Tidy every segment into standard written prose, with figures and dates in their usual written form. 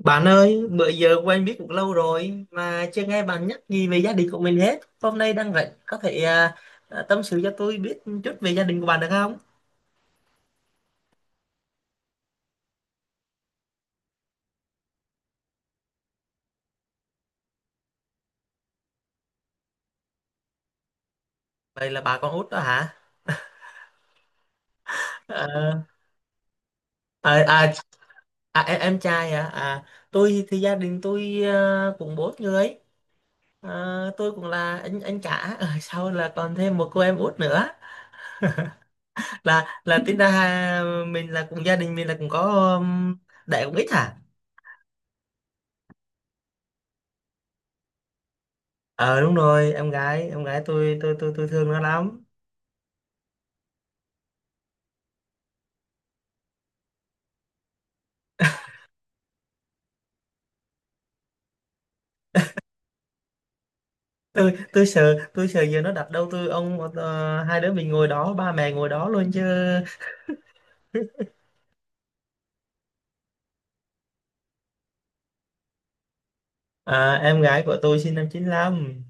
Bạn ơi, bữa giờ quen biết cũng lâu rồi mà chưa nghe bạn nhắc gì về gia đình của mình hết. Hôm nay đang rảnh, có thể tâm sự cho tôi biết chút về gia đình của bạn được không? Vậy là bà con út đó hả? Ờ. À, à, em trai hả? Tôi thì gia đình tôi cũng bốn người. À, tôi cũng là anh cả, Ờ, sau là còn thêm một cô em út nữa. Là tính ra mình là cùng gia đình mình là cũng có um, đẻ cũng ít hả? Ờ đúng rồi, em gái, tôi thương nó lắm. Tôi sợ, tôi sợ giờ nó đặt đâu tôi ông hai đứa mình ngồi đó, ba mẹ ngồi đó luôn chứ. Em gái của tôi sinh năm 95,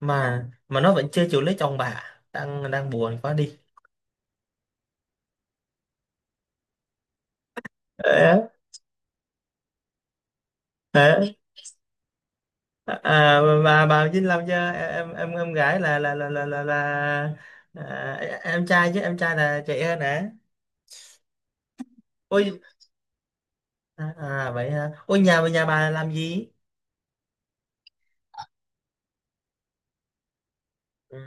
mà nó vẫn chưa chịu lấy chồng bà. Đang đang buồn quá đi. Ờ, ờ. Bà 95 chứ em gái là em trai, chứ em trai là trẻ hơn hả? Ôi. Vậy hả? Ôi, nhà nhà bà làm gì? Ừ.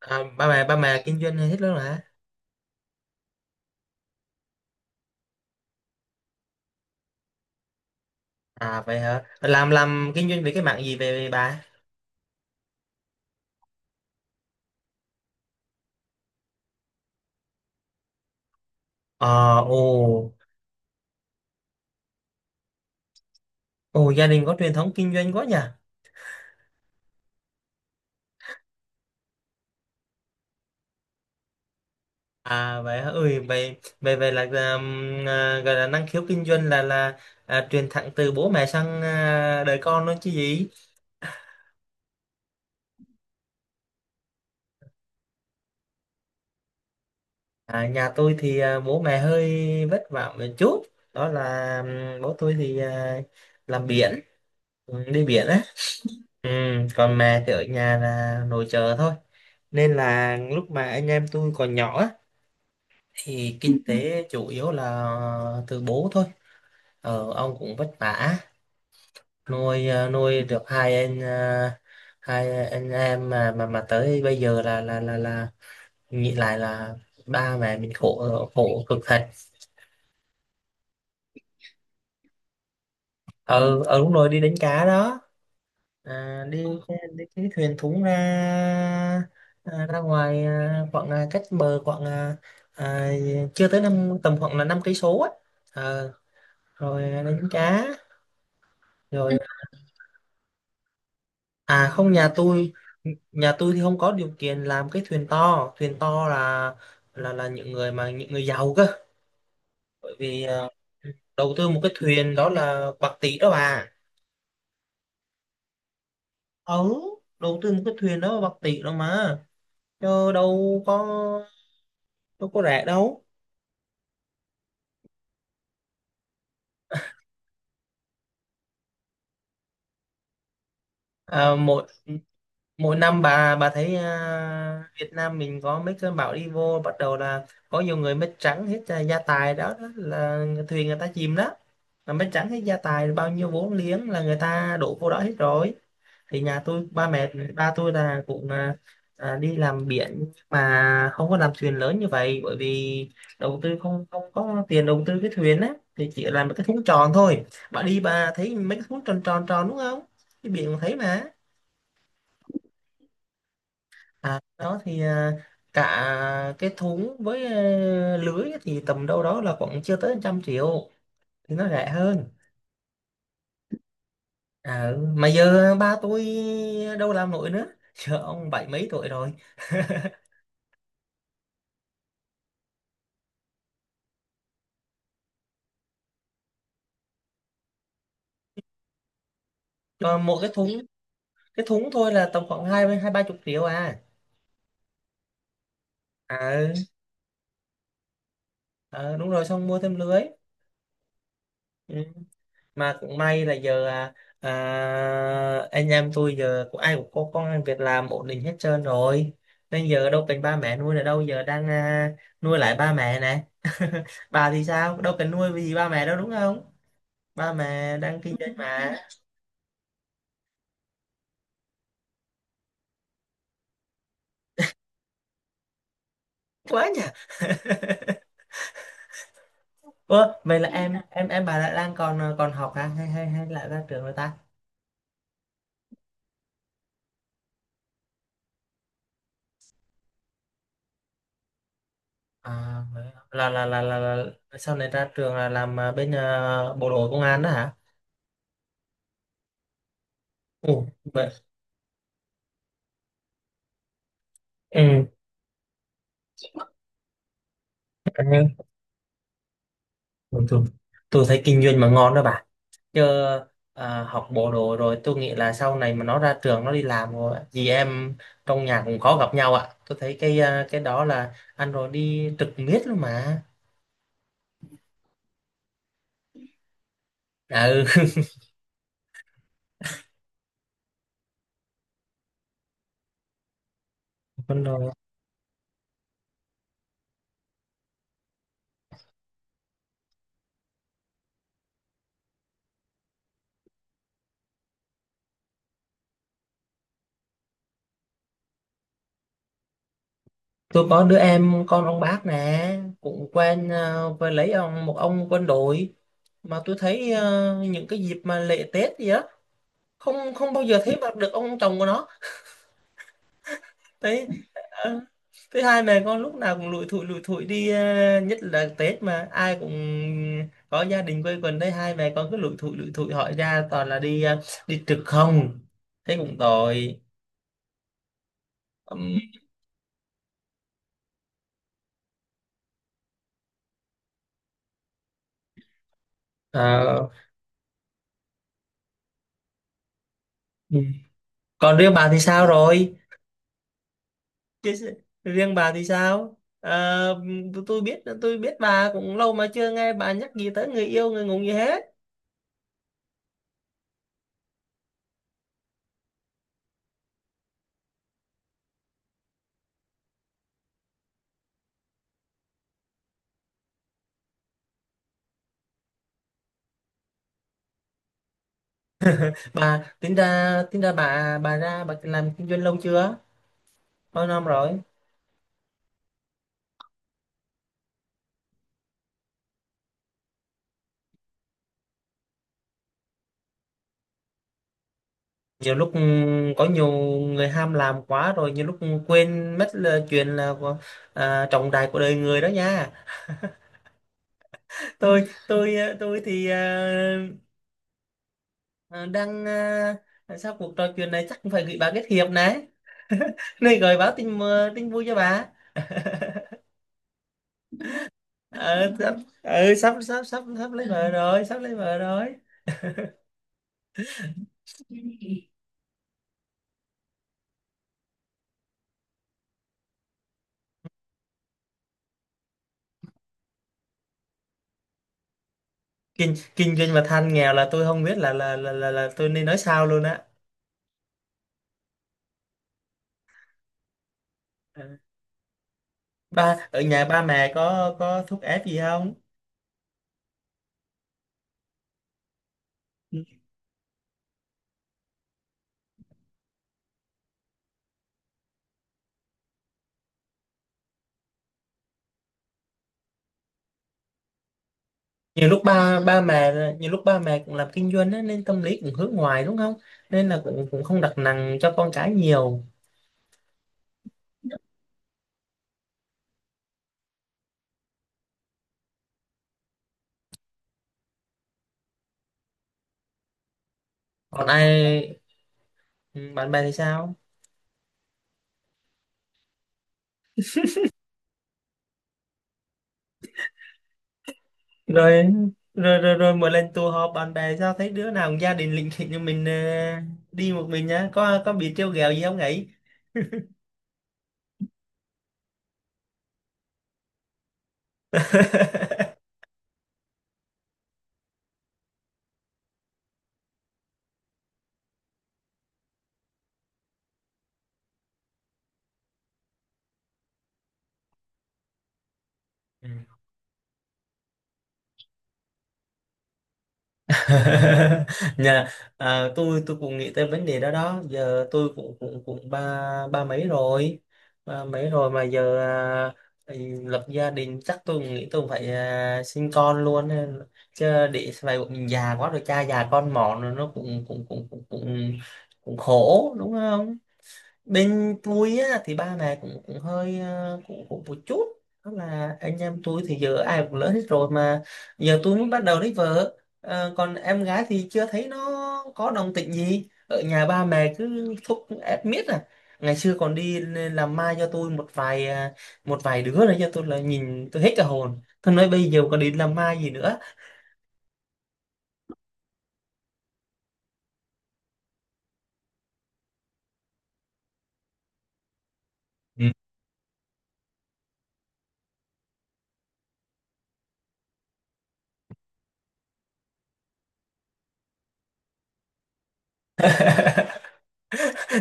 Ba mẹ kinh doanh hết luôn hả? À vậy hả? Làm kinh doanh về cái mảng gì, về bà? Ờ ồ, ồ, gia đình có truyền thống kinh doanh quá nhỉ. À vậy hả? Ui, vậy vậy vậy là gọi là năng khiếu kinh doanh truyền thẳng từ bố mẹ sang đời con đó chứ gì. Nhà tôi thì bố mẹ hơi vất vả một chút. Đó là bố tôi thì làm biển, ừ, đi biển á. Ừ, còn mẹ thì ở nhà là nội trợ thôi. Nên là lúc mà anh em tôi còn nhỏ á, thì kinh tế chủ yếu là từ bố thôi. Ông cũng vất vả nuôi, nuôi được hai anh em mà tới bây giờ là nghĩ lại là ba mẹ mình khổ khổ cực thật. Ờ Đúng rồi, đi đánh cá đó. Đi đi cái thuyền thúng ra, ra ngoài, khoảng, cách bờ khoảng à, chưa tới năm, tầm khoảng là 5 cây số á. Ờ, rồi đánh cá rồi. Ừ. À không, nhà tôi thì không có điều kiện làm cái thuyền to. Thuyền to là những người giàu cơ, bởi vì đầu tư một cái thuyền đó là bạc tỷ đó bà. Ừ, đầu tư một cái thuyền đó là bạc tỷ đó mà, chứ đâu có rẻ đâu. Mỗi mỗi năm bà thấy Việt Nam mình có mấy cơn bão đi vô, bắt đầu là có nhiều người mất trắng hết gia tài đó, đó là thuyền người ta chìm đó, là mấy tráng hết gia tài bao nhiêu vốn liếng là người ta đổ vô đó hết rồi. Thì nhà tôi, ba tôi là cũng đi làm biển nhưng mà không có làm thuyền lớn như vậy, bởi vì đầu tư không không có tiền đầu tư cái thuyền á. Thì chỉ làm một cái thúng tròn thôi. Bà đi bà thấy mấy cái thúng tròn tròn tròn đúng không? Cái biển cũng thấy mà. Đó thì cả cái thúng với lưới thì tầm đâu đó là khoảng chưa tới 100 triệu, thì nó rẻ hơn. À, ừ. Mà giờ ba tôi đâu làm nổi nữa giờ ông bảy mấy tuổi rồi. Ờ, một cái thúng thôi là tầm khoảng hai hai ba chục triệu. À ừ. Ờ, đúng rồi xong mua thêm lưới. Ừ. Mà cũng may là giờ anh em tôi giờ cũng ai cũng có công ăn việc làm ổn định hết trơn rồi, nên giờ đâu cần ba mẹ nuôi nữa đâu, giờ đang nuôi lại ba mẹ nè bà thì sao đâu cần nuôi vì ba mẹ đâu đúng không, ba mẹ đang kinh doanh mà. quá nhỉ. Ủa, vậy là em bà đang còn còn học hả, hay hay hay lại ra trường rồi ta? À, vậy hả? Là Sau này ra trường là làm bên bộ đội công an đó hả? Ồ, vậy. Ừ. anh Tôi, tôi thấy kinh doanh mà ngon đó bà. Chứ học bộ đội rồi tôi nghĩ là sau này mà nó ra trường nó đi làm rồi á, chị em trong nhà cũng khó gặp nhau ạ. Tôi thấy cái cái đó là anh rồi đi trực miết luôn mà. À, ừ. Con đồ. Tôi có đứa em con ông bác nè, cũng quen với lấy một ông quân đội, mà tôi thấy những cái dịp mà lễ Tết gì á, không không bao giờ thấy mặt được ông chồng của nó thế. ờ, Thứ hai mẹ con lúc nào cũng lủi thủi đi, nhất là Tết mà ai cũng có gia đình quây quần, thấy hai mẹ con cứ lủi thủi lủi thủi, hỏi ra toàn là đi đi trực không, thế cũng tội. Ừm. ờ, ừm. Còn đứa bà thì sao rồi? Chứ s- Riêng bà thì sao? Ờ, tôi biết bà cũng lâu mà chưa nghe bà nhắc gì tới người yêu người ngủ gì hết. Bà tính ra bà bà làm kinh doanh lâu chưa? Bao năm rồi? Nhiều lúc có nhiều người ham làm quá rồi, nhiều lúc quên mất là chuyện là trọng đại của đời người đó nha. Tôi thì ờ, đang, sau cuộc trò chuyện này chắc cũng phải gửi bà kết hiệp này. Này gửi báo tin vui cho bà. ờ, sắp, sắp sắp sắp sắp lấy vợ rồi, sắp lấy vợ rồi. Kinh Kinh doanh mà than nghèo là tôi không biết là tôi nên nói sao luôn á. Ờ. Ở nhà ba mẹ có thúc ép gì không? nhiều lúc ba ba mẹ Nhiều lúc ba mẹ cũng làm kinh doanh á, nên tâm lý cũng hướng ngoài đúng không, nên là cũng cũng không đặt nặng cho con cái nhiều. còn ai Bạn bè thì sao? Rồi, rồi, rồi, rồi, mỗi lần tụ họp bạn bè sao thấy đứa nào cũng gia đình lịnh thịnh như mình, đi một mình nhá, có bị trêu ghẹo gì không ấy? Ừ. nhà tôi cũng nghĩ tới vấn đề đó. Đó giờ tôi cũng cũng cũng ba ba mấy rồi, mà giờ à, ừ, lập gia đình chắc tôi cũng nghĩ tôi cũng phải sinh con luôn chứ để sau này bọn mình già quá rồi cha già con mòn rồi, nó cũng cũng cũng cũng cũng, cũng khổ đúng không? Bên tôi á, thì ba mẹ cũng cũng hơi cũng cũng một chút. Đó là anh em tôi thì giờ ai cũng lớn hết rồi mà giờ tôi mới bắt đầu lấy vợ. Ờ, còn em gái thì chưa thấy nó có đồng tịnh gì, ở nhà ba mẹ cứ thúc ép miết à. Ngày xưa còn đi làm mai cho tôi một vài đứa nữa cho tôi là nhìn tôi hết cả hồn, tôi nói bây giờ còn đi làm mai gì nữa.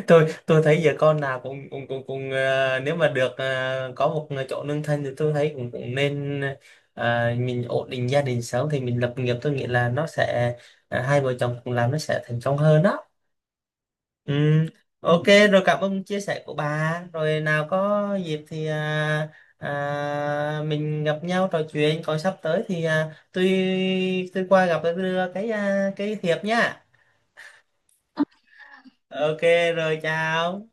Tôi thấy giờ con nào cũng cũng cũng cũng nếu mà được có một chỗ nương thân thì tôi thấy cũng cũng nên mình ổn định gia đình sớm thì mình lập nghiệp, tôi nghĩ là nó sẽ hai vợ chồng cùng làm nó sẽ thành công hơn đó. Ừ. Ok, rồi cảm ơn chia sẻ của bà, rồi nào có dịp thì mình gặp nhau trò chuyện. Còn sắp tới thì tôi qua gặp, tôi đưa cái thiệp nhá. Ok, rồi chào.